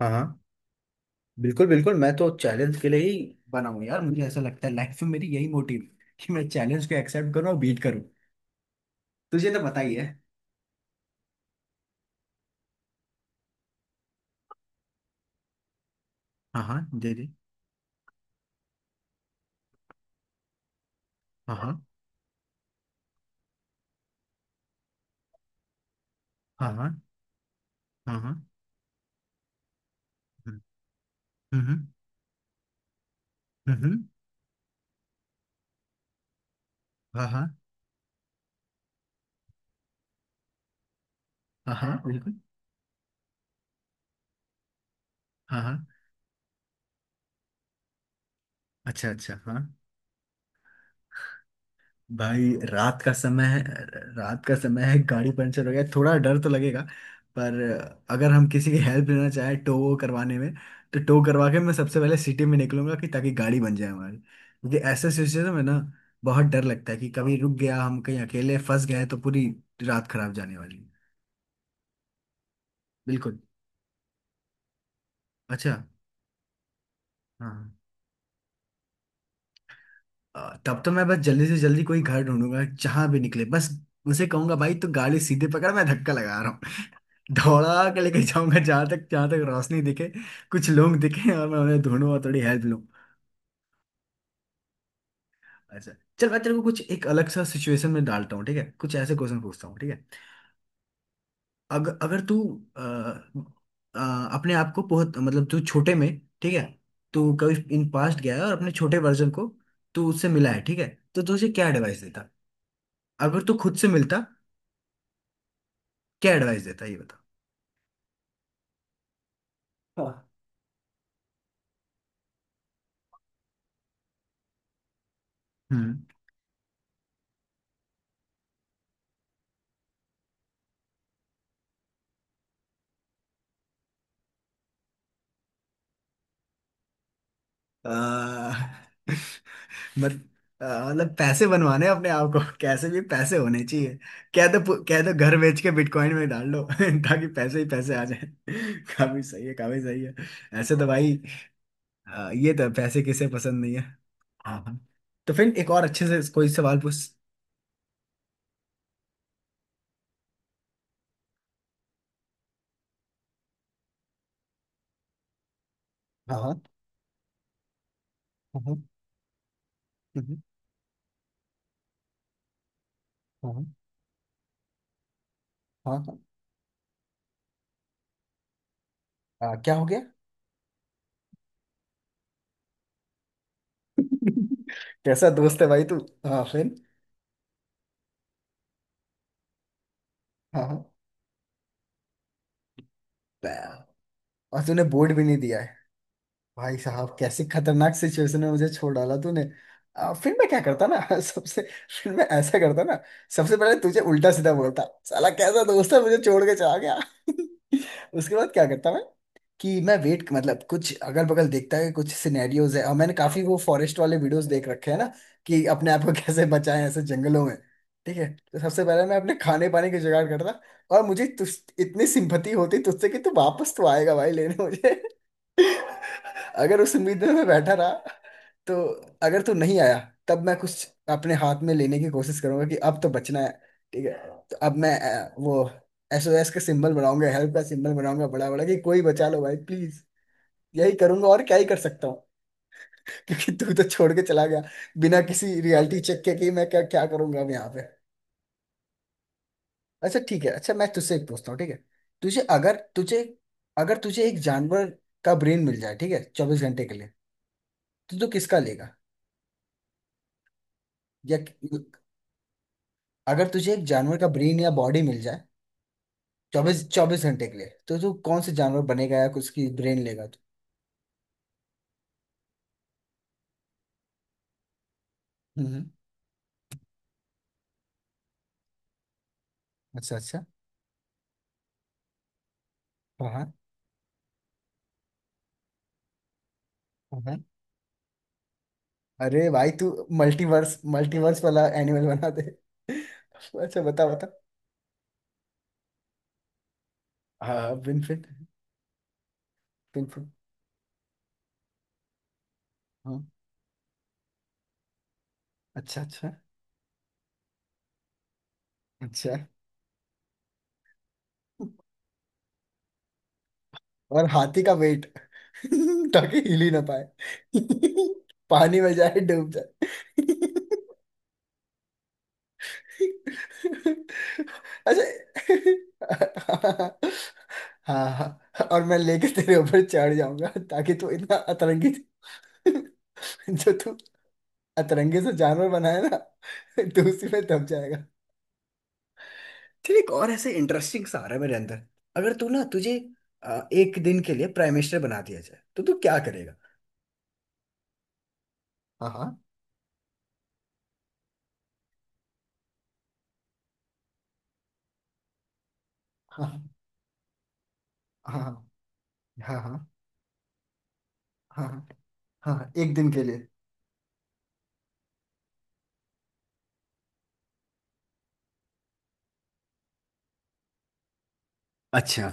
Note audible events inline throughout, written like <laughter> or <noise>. हाँ, हाँ, बिल्कुल, बिल्कुल, मैं तो चैलेंज के लिए ही बना हूं यार। मुझे ऐसा लगता है लाइफ में मेरी यही मोटिव है कि मैं चैलेंज को एक्सेप्ट करूं और बीट करूं। तुझे तो पता ही है। हाँ, हाँ, दे दे। हाँ, हाँ। हाँ, हाँ। हाँ, हाँ। हम्म। हम्म। हम्म। हम्म। हाँ, हाँ। हाँ, हाँ, बिल्कुल। हाँ, हाँ। अच्छा, अच्छा। हाँ। भाई, रात का समय है। रात का समय है, गाड़ी पंचर हो गया, थोड़ा डर तो लगेगा। पर अगर हम किसी की हेल्प लेना चाहे, टो करवाने में, तो टो करवा के मैं सबसे पहले सिटी में निकलूंगा कि ताकि गाड़ी बन जाए हमारी, क्योंकि ऐसे सिचुएशन में ना बहुत डर लगता है कि कभी रुक गया, हम कहीं अकेले फंस गए तो पूरी रात खराब जाने वाली है। बिल्कुल। अच्छा। हाँ। तब तो मैं बस जल्दी से जल्दी कोई घर ढूंढूंगा, जहां भी निकले बस। उनसे कहूंगा, भाई तू गाड़ी सीधे पकड़, मैं धक्का लगा रहा हूँ। <laughs> दौड़ा के लेके जाऊंगा जहां तक रोशनी दिखे, कुछ लोग दिखे, और मैं उन्हें ढूंढूं और थोड़ी हेल्प लूं। अच्छा, चल मैं तेरे को कुछ एक अलग सा सिचुएशन में डालता हूँ, ठीक है? कुछ ऐसे क्वेश्चन पूछता हूँ, ठीक है? अगर तू अ, अ, अपने आप को बहुत, मतलब तू छोटे में, ठीक है, तू कभी इन पास्ट गया है और अपने छोटे वर्जन को, तू उससे मिला है, ठीक है? तो तू उसे क्या एडवाइस देता, अगर तू खुद से मिलता? क्या एडवाइस देता, ये बता। हाँ। हम्म। आ, <laughs> मत आ, मतलब पैसे बनवाने हैं अपने आप को, कैसे भी पैसे होने चाहिए। कह दो घर बेच के बिटकॉइन में डाल लो। <laughs> ताकि पैसे ही पैसे आ जाए। <laughs> काफी सही है, काफी सही है। ऐसे तो भाई। ये तो है, पैसे किसे पसंद नहीं है। हाँ, हाँ। तो फिर एक और अच्छे से कोई सवाल पूछ। हाँ, हाँ। हाँ। हम्म, हाँ, हाँ। हाँ, हाँ, हाँ, क्या हो गया? <laughs> कैसा दोस्त है भाई तू? हाँ, फिर? हाँ, हाँ, और तूने बोर्ड भी नहीं दिया। भाई साहब, कैसी खतरनाक सिचुएशन में मुझे छोड़ डाला तूने। फिर मैं क्या करता ना? <laughs> सबसे फिर मैं ऐसा करता ना, सबसे पहले तुझे उल्टा सीधा बोलता, साला कैसा दोस्त है, मुझे छोड़ के चला गया। <laughs> उसके बाद क्या करता मैं? कि मैं वेट, मतलब कुछ अगल बगल देखता है, कुछ सिनेरियोज है, और मैंने काफी वो फॉरेस्ट वाले वीडियोस देख रखे हैं ना, कि अपने आप को <laughs> कैसे बचाएं ऐसे जंगलों में। ठीक है, तो सबसे पहले मैं अपने खाने पानी के जुगाड़ करता। और मुझे तुझ इतनी सिंपथी होती तुझसे कि तू वापस तो आएगा भाई, लेने मुझे। अगर उस उम्मीद में मैं बैठा रहा, तो अगर तू नहीं आया, तब मैं कुछ अपने हाथ में लेने की कोशिश करूंगा, कि अब तो बचना है। ठीक है, तो अब मैं वो SOS का सिंबल बनाऊंगा, हेल्प का सिंबल बनाऊंगा, बड़ा बड़ा, कि कोई बचा लो भाई प्लीज। यही करूंगा, और क्या ही कर सकता हूँ। <laughs> क्योंकि तू तो छोड़ के चला गया, बिना किसी रियलिटी चेक के कि मैं क्या क्या करूंगा अब यहाँ पे। अच्छा, ठीक है। अच्छा, मैं तुझसे एक पूछता हूँ, ठीक है? तुझे अगर तुझे अगर तुझे एक जानवर का ब्रेन मिल जाए, ठीक है, 24 घंटे के लिए, तो तू किसका लेगा? या अगर तुझे एक जानवर का ब्रेन या बॉडी मिल जाए, चौबीस चौबीस घंटे के लिए, तो तू कौन से जानवर बनेगा या उसकी ब्रेन लेगा तू? हम्म। अच्छा, अच्छा। हाँ, हाँ। हाँ। अरे भाई तू, मल्टीवर्स मल्टीवर्स वाला एनिमल बना दे। अच्छा, बता बता। हाँ, विनफिट। विनफिट। हाँ। अच्छा, अच्छा। अच्छा। और हाथी का वेट, <laughs> ताकि हिल ही ना पाए। <laughs> पानी में जाए, डूब जाए। <laughs> <laughs> अच्छा। हाँ, हाँ, और मैं लेके तेरे ऊपर चढ़ जाऊंगा, ताकि तू इतना अतरंगी। <laughs> जो तू अतरंगे से जानवर बनाए ना, तो उसी में दब जाएगा। फिर एक और ऐसे इंटरेस्टिंग सा आ रहा है मेरे अंदर। अगर तू ना, तुझे एक दिन के लिए प्राइम मिनिस्टर बना दिया जाए, तो तू क्या करेगा? हाँ, हाँ। हाँ, हाँ। हाँ, हाँ। हाँ, हाँ। हाँ, एक दिन के लिए। अच्छा।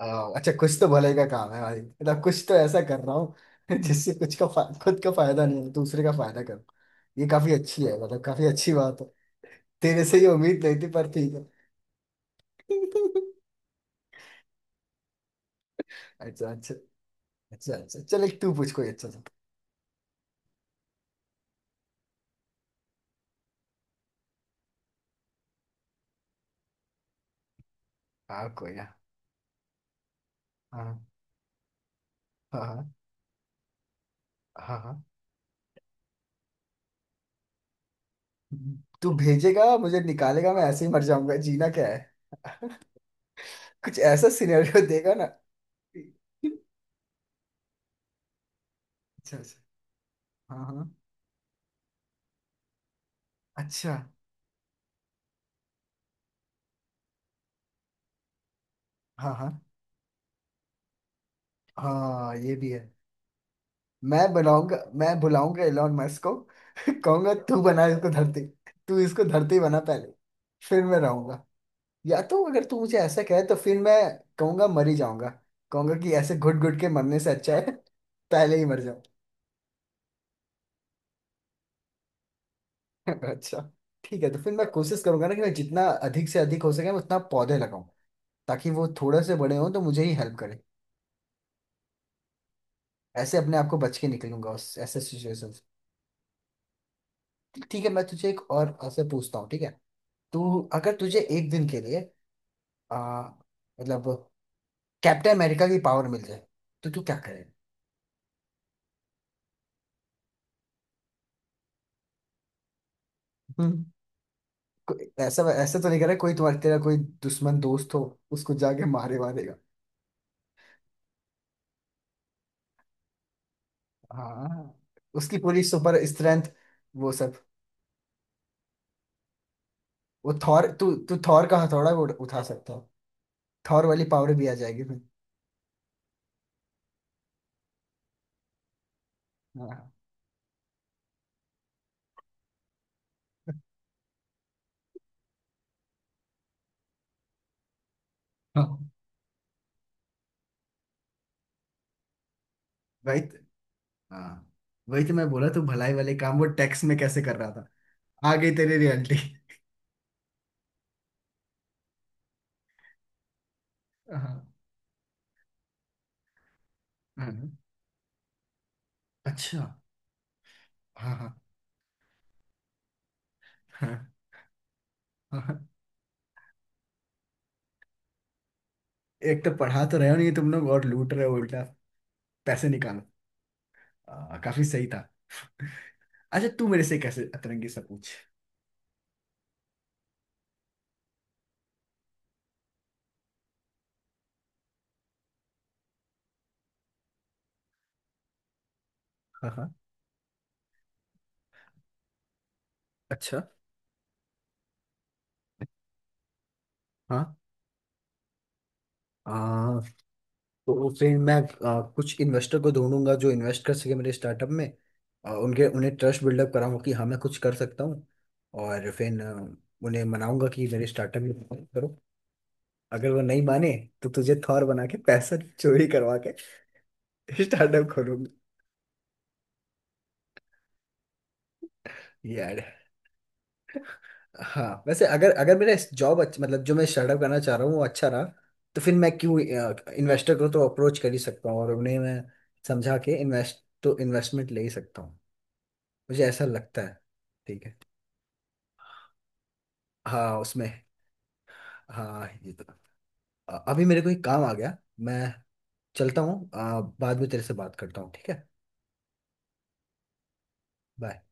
आओ, अच्छा, कुछ तो भले का काम है भाई, मतलब कुछ तो ऐसा कर रहा हूँ <laughs> जिससे खुद का फायदा नहीं हो, दूसरे का फायदा करो। ये काफी अच्छी है, मतलब काफी अच्छी बात है। तेरे से ये उम्मीद नहीं थी, पर ठीक है। <laughs> अच्छा, अच्छा। अच्छा, अच्छा चल, एक तू पूछ कोई अच्छा सा। हाँ, कोई ना। हाँ, हाँ। हाँ, हाँ। हाँ। तू भेजेगा, मुझे निकालेगा, मैं ऐसे ही मर जाऊंगा, जीना क्या है? कुछ ऐसा सिनेरियो देगा ना। <laughs> अच्छा, अच्छा। हाँ, हाँ। अच्छा। हाँ, हाँ। हाँ, ये भी है। मैं बुलाऊंगा एलोन मस्क को। <laughs> कहूंगा, तू इसको धरती बना पहले, फिर मैं रहूंगा। या तो अगर तू मुझे ऐसा कहे, तो फिर मैं कहूंगा मर ही जाऊंगा। कहूंगा कि ऐसे घुट घुट के मरने से अच्छा है, <laughs> पहले ही मर जाओ। <laughs> अच्छा, ठीक है। तो फिर मैं कोशिश करूंगा ना, कि मैं जितना अधिक से अधिक हो सके, मैं उतना पौधे लगाऊं, ताकि वो थोड़े से बड़े हों तो मुझे ही हेल्प करे। ऐसे अपने आप को बच के निकलूंगा उस ऐसे सिचुएशन से। ठीक है, मैं तुझे एक और ऐसे पूछता हूँ, ठीक है? तू अगर तुझे एक दिन के लिए, आ, मतलब कैप्टन अमेरिका की पावर मिल जाए, तो तू क्या करे? हम्म, ऐसा ऐसा तो नहीं करे, कोई तुम्हारा तेरा कोई दुश्मन दोस्त हो, उसको जाके मारेगा? हाँ, उसकी पूरी सुपर स्ट्रेंथ, वो सब। वो थॉर, तू तू थॉर का हथौड़ा भी उठा सकता हो, थॉर वाली पावर भी आ जाएगी फिर। हाँ, हाँ। भाई, हाँ, वही तो मैं बोला, तू भलाई वाले काम वो टैक्स में कैसे कर रहा था। आ गई तेरी रियलिटी। हाँ, हाँ। अच्छा। हाँ, हाँ। हाँ, हाँ। एक तो पढ़ा तो रहे हो नहीं तुम लोग, और लूट रहे हो उल्टा। पैसे निकालो। काफी सही था। अच्छा, तू मेरे से कैसे अतरंगी सा पूछ। हाँ, हाँ। अच्छा। हाँ। आ, तो फिर मैं कुछ इन्वेस्टर को ढूंढूंगा, जो इन्वेस्ट कर सके मेरे स्टार्टअप में। उनके उन्हें ट्रस्ट बिल्डअप कराऊंगा, कि हाँ मैं कुछ कर सकता हूँ। और फिर उन्हें मनाऊंगा कि मेरे स्टार्टअप में invest करो। अगर वो नहीं माने, तो तुझे थॉर बना के पैसा चोरी करवा के <laughs> स्टार्टअप खोलूंगा। यार, हाँ वैसे, अगर अगर मेरा जॉब अच्छा, मतलब जो मैं स्टार्टअप करना चाह रहा हूँ वो अच्छा रहा, तो फिर मैं क्यों, इन्वेस्टर को तो अप्रोच कर ही सकता हूँ, और उन्हें मैं समझा के इन्वेस्टमेंट ले ही सकता हूँ। मुझे ऐसा लगता है। ठीक है। हाँ, उसमें। हाँ, ये तो। अभी मेरे को एक काम आ गया, मैं चलता हूँ। बाद में तेरे से बात करता हूँ, ठीक है? बाय।